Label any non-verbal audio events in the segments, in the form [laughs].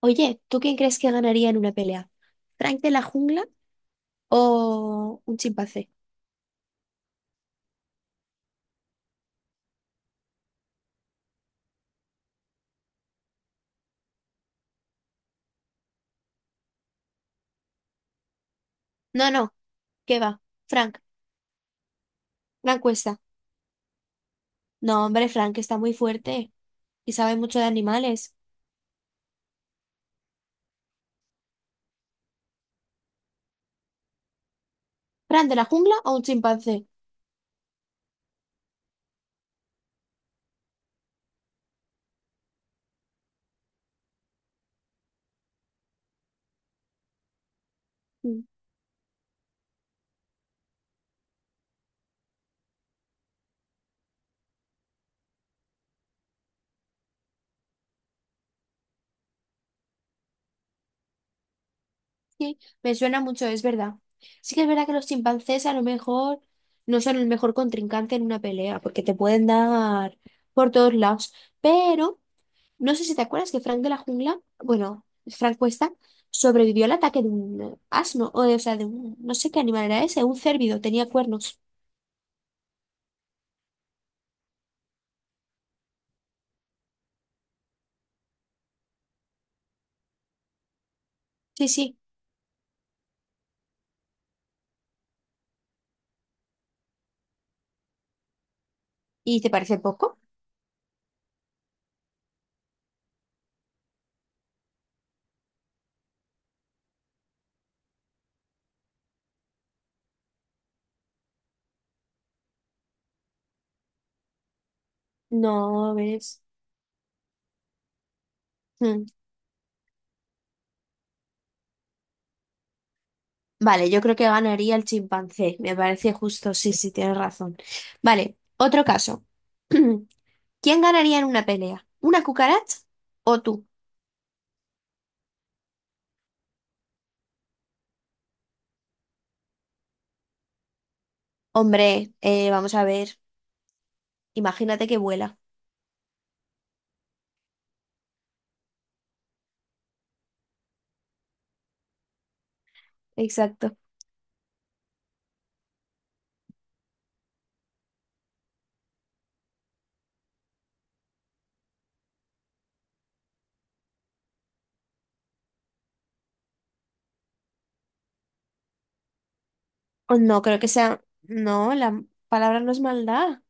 Oye, ¿tú quién crees que ganaría en una pelea? ¿Frank de la jungla o un chimpancé? No, ¿qué va? Frank, Frank Cuesta. No, hombre, Frank está muy fuerte y sabe mucho de animales. ¿Frank de la jungla o un chimpancé? Mm. Sí, me suena mucho, es verdad. Sí que es verdad que los chimpancés a lo mejor no son el mejor contrincante en una pelea porque te pueden dar por todos lados, pero... No sé si te acuerdas que Frank de la jungla, bueno, Frank Cuesta, sobrevivió al ataque de un asno, o, o sea, de un, no sé qué animal era ese, un cérvido, tenía cuernos. Sí, sí. ¿Y te parece poco? No, ves. Mm. Vale, yo creo que ganaría el chimpancé, me parece justo, sí, sí, tienes razón. Vale, otro caso. [clears throat] ¿Quién ganaría en una pelea? ¿Una cucaracha o tú? Hombre, vamos a ver, imagínate que vuela. Exacto. O no creo que sea. No, la palabra no es maldad.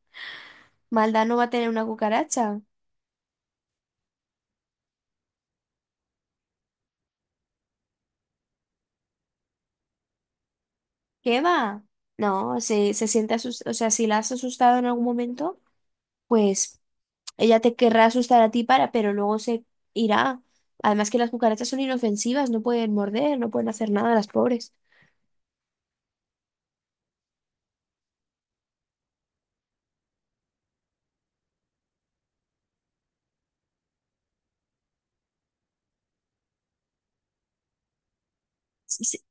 Maldad no va a tener una cucaracha. ¿Qué va? No, si se siente asustada, o sea, si la has asustado en algún momento, pues ella te querrá asustar a ti para, pero luego se irá. Además que las cucarachas son inofensivas, no pueden morder, no pueden hacer nada, las pobres. Sí, sí.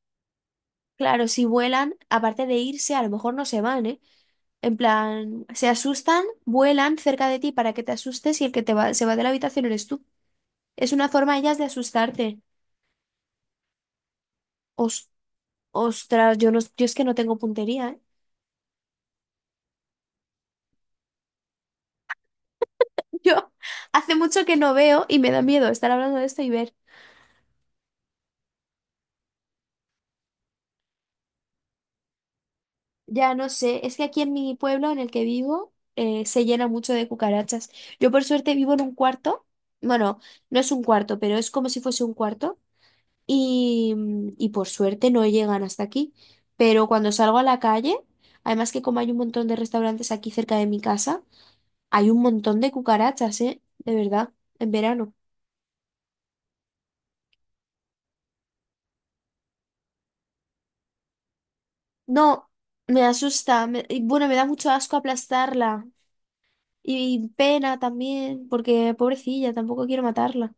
Claro, si vuelan, aparte de irse, a lo mejor no se van, ¿eh? En plan, se asustan, vuelan cerca de ti para que te asustes y el que te va, se va de la habitación eres tú. Es una forma ellas de asustarte. Os- Ostras, yo, no, yo es que no tengo puntería, ¿eh? [laughs] Yo hace mucho que no veo y me da miedo estar hablando de esto y ver. Ya no sé, es que aquí en mi pueblo en el que vivo se llena mucho de cucarachas. Yo por suerte vivo en un cuarto, bueno, no es un cuarto, pero es como si fuese un cuarto y y por suerte no llegan hasta aquí. Pero cuando salgo a la calle, además que como hay un montón de restaurantes aquí cerca de mi casa, hay un montón de cucarachas, ¿eh? De verdad, en verano. No, me asusta. Y bueno, me da mucho asco aplastarla. Y pena también, porque pobrecilla, tampoco quiero matarla.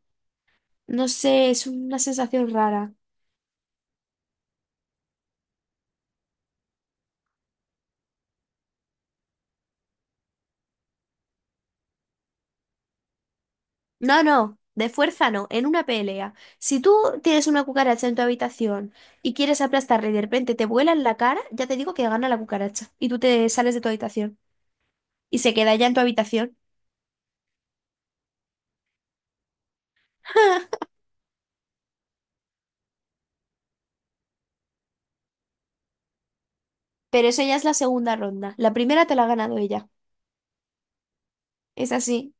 No sé, es una sensación rara. No, no, de fuerza no, en una pelea. Si tú tienes una cucaracha en tu habitación y quieres aplastarla y de repente te vuela en la cara, ya te digo que gana la cucaracha. Y tú te sales de tu habitación. Y se queda ya en tu habitación. [laughs] Pero eso ya es la segunda ronda. La primera te la ha ganado ella. Es así.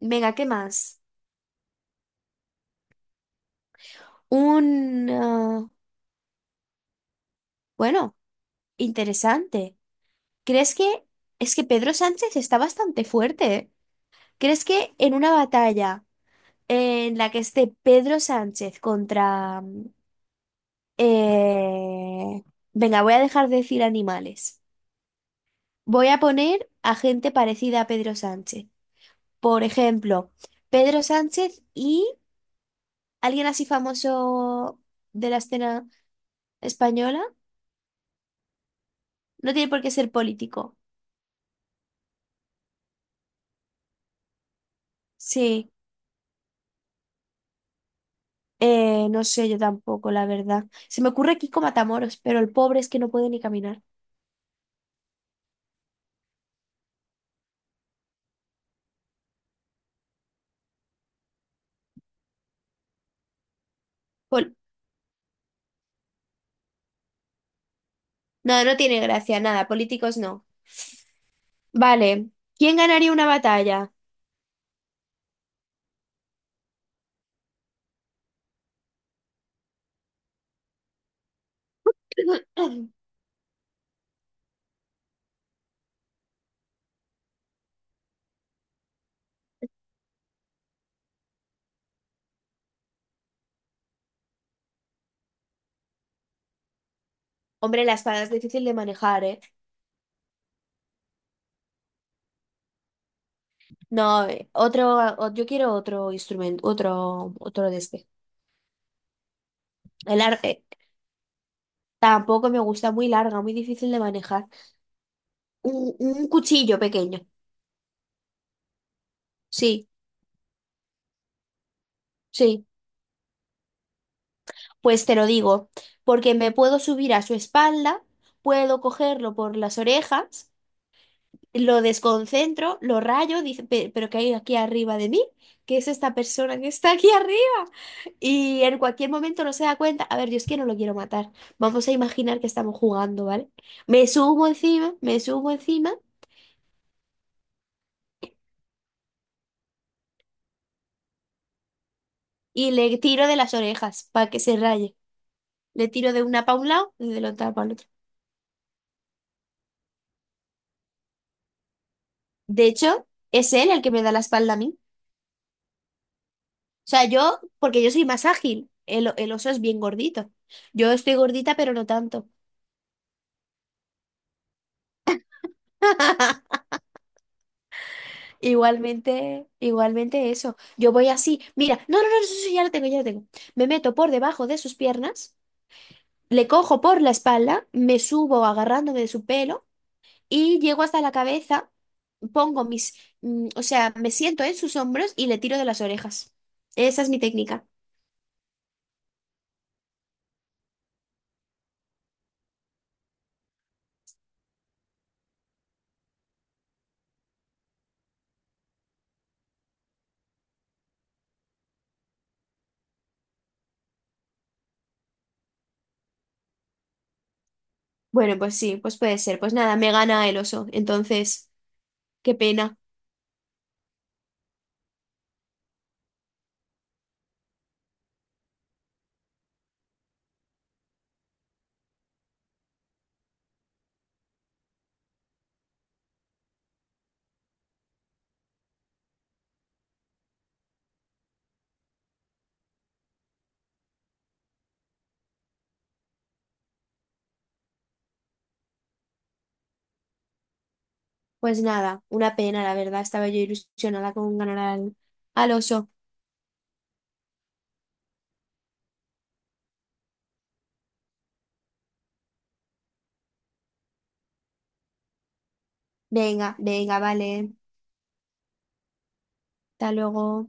Venga, ¿qué más? Un... ah, bueno, interesante. ¿Crees que es que Pedro Sánchez está bastante fuerte, ¿eh? ¿Crees que en una batalla en la que esté Pedro Sánchez contra... eh, venga, voy a dejar de decir animales. Voy a poner a gente parecida a Pedro Sánchez. Por ejemplo, Pedro Sánchez y alguien así famoso de la escena española. No tiene por qué ser político. Sí. No sé, yo tampoco, la verdad. Se me ocurre Kiko Matamoros, pero el pobre es que no puede ni caminar. Pol- no, no tiene gracia, nada, políticos no. Vale, ¿quién ganaría una batalla? [coughs] [clears throat] Hombre, la espada es difícil de manejar, ¿eh? No, otro, yo quiero otro instrumento, otro de este. El arte tampoco me gusta, muy larga, muy difícil de manejar. Un cuchillo pequeño, sí, sí. Pues te lo digo, porque me puedo subir a su espalda, puedo cogerlo por las orejas, lo desconcentro, lo rayo, dice, pero ¿qué hay aquí arriba de mí? ¿Qué es esta persona que está aquí arriba? Y en cualquier momento no se da cuenta, a ver, yo es que no lo quiero matar, vamos a imaginar que estamos jugando, ¿vale? Me subo encima y le tiro de las orejas para que se raye. Le tiro de una para un lado y de la otra para el otro. De hecho, es él el que me da la espalda a mí. O sea, yo, porque yo soy más ágil, el oso es bien gordito. Yo estoy gordita, pero no tanto. [laughs] Igualmente, igualmente eso. Yo voy así. Mira, no, no, no, eso sí, ya lo tengo, ya lo tengo. Me meto por debajo de sus piernas, le cojo por la espalda, me subo agarrándome de su pelo y llego hasta la cabeza, pongo mis, mm, o sea, me siento en sus hombros y le tiro de las orejas. Esa es mi técnica. Bueno, pues sí, pues puede ser. Pues nada, me gana el oso. Entonces, qué pena. Pues nada, una pena, la verdad. Estaba yo ilusionada con ganar al, al oso. Venga, venga, vale. Hasta luego.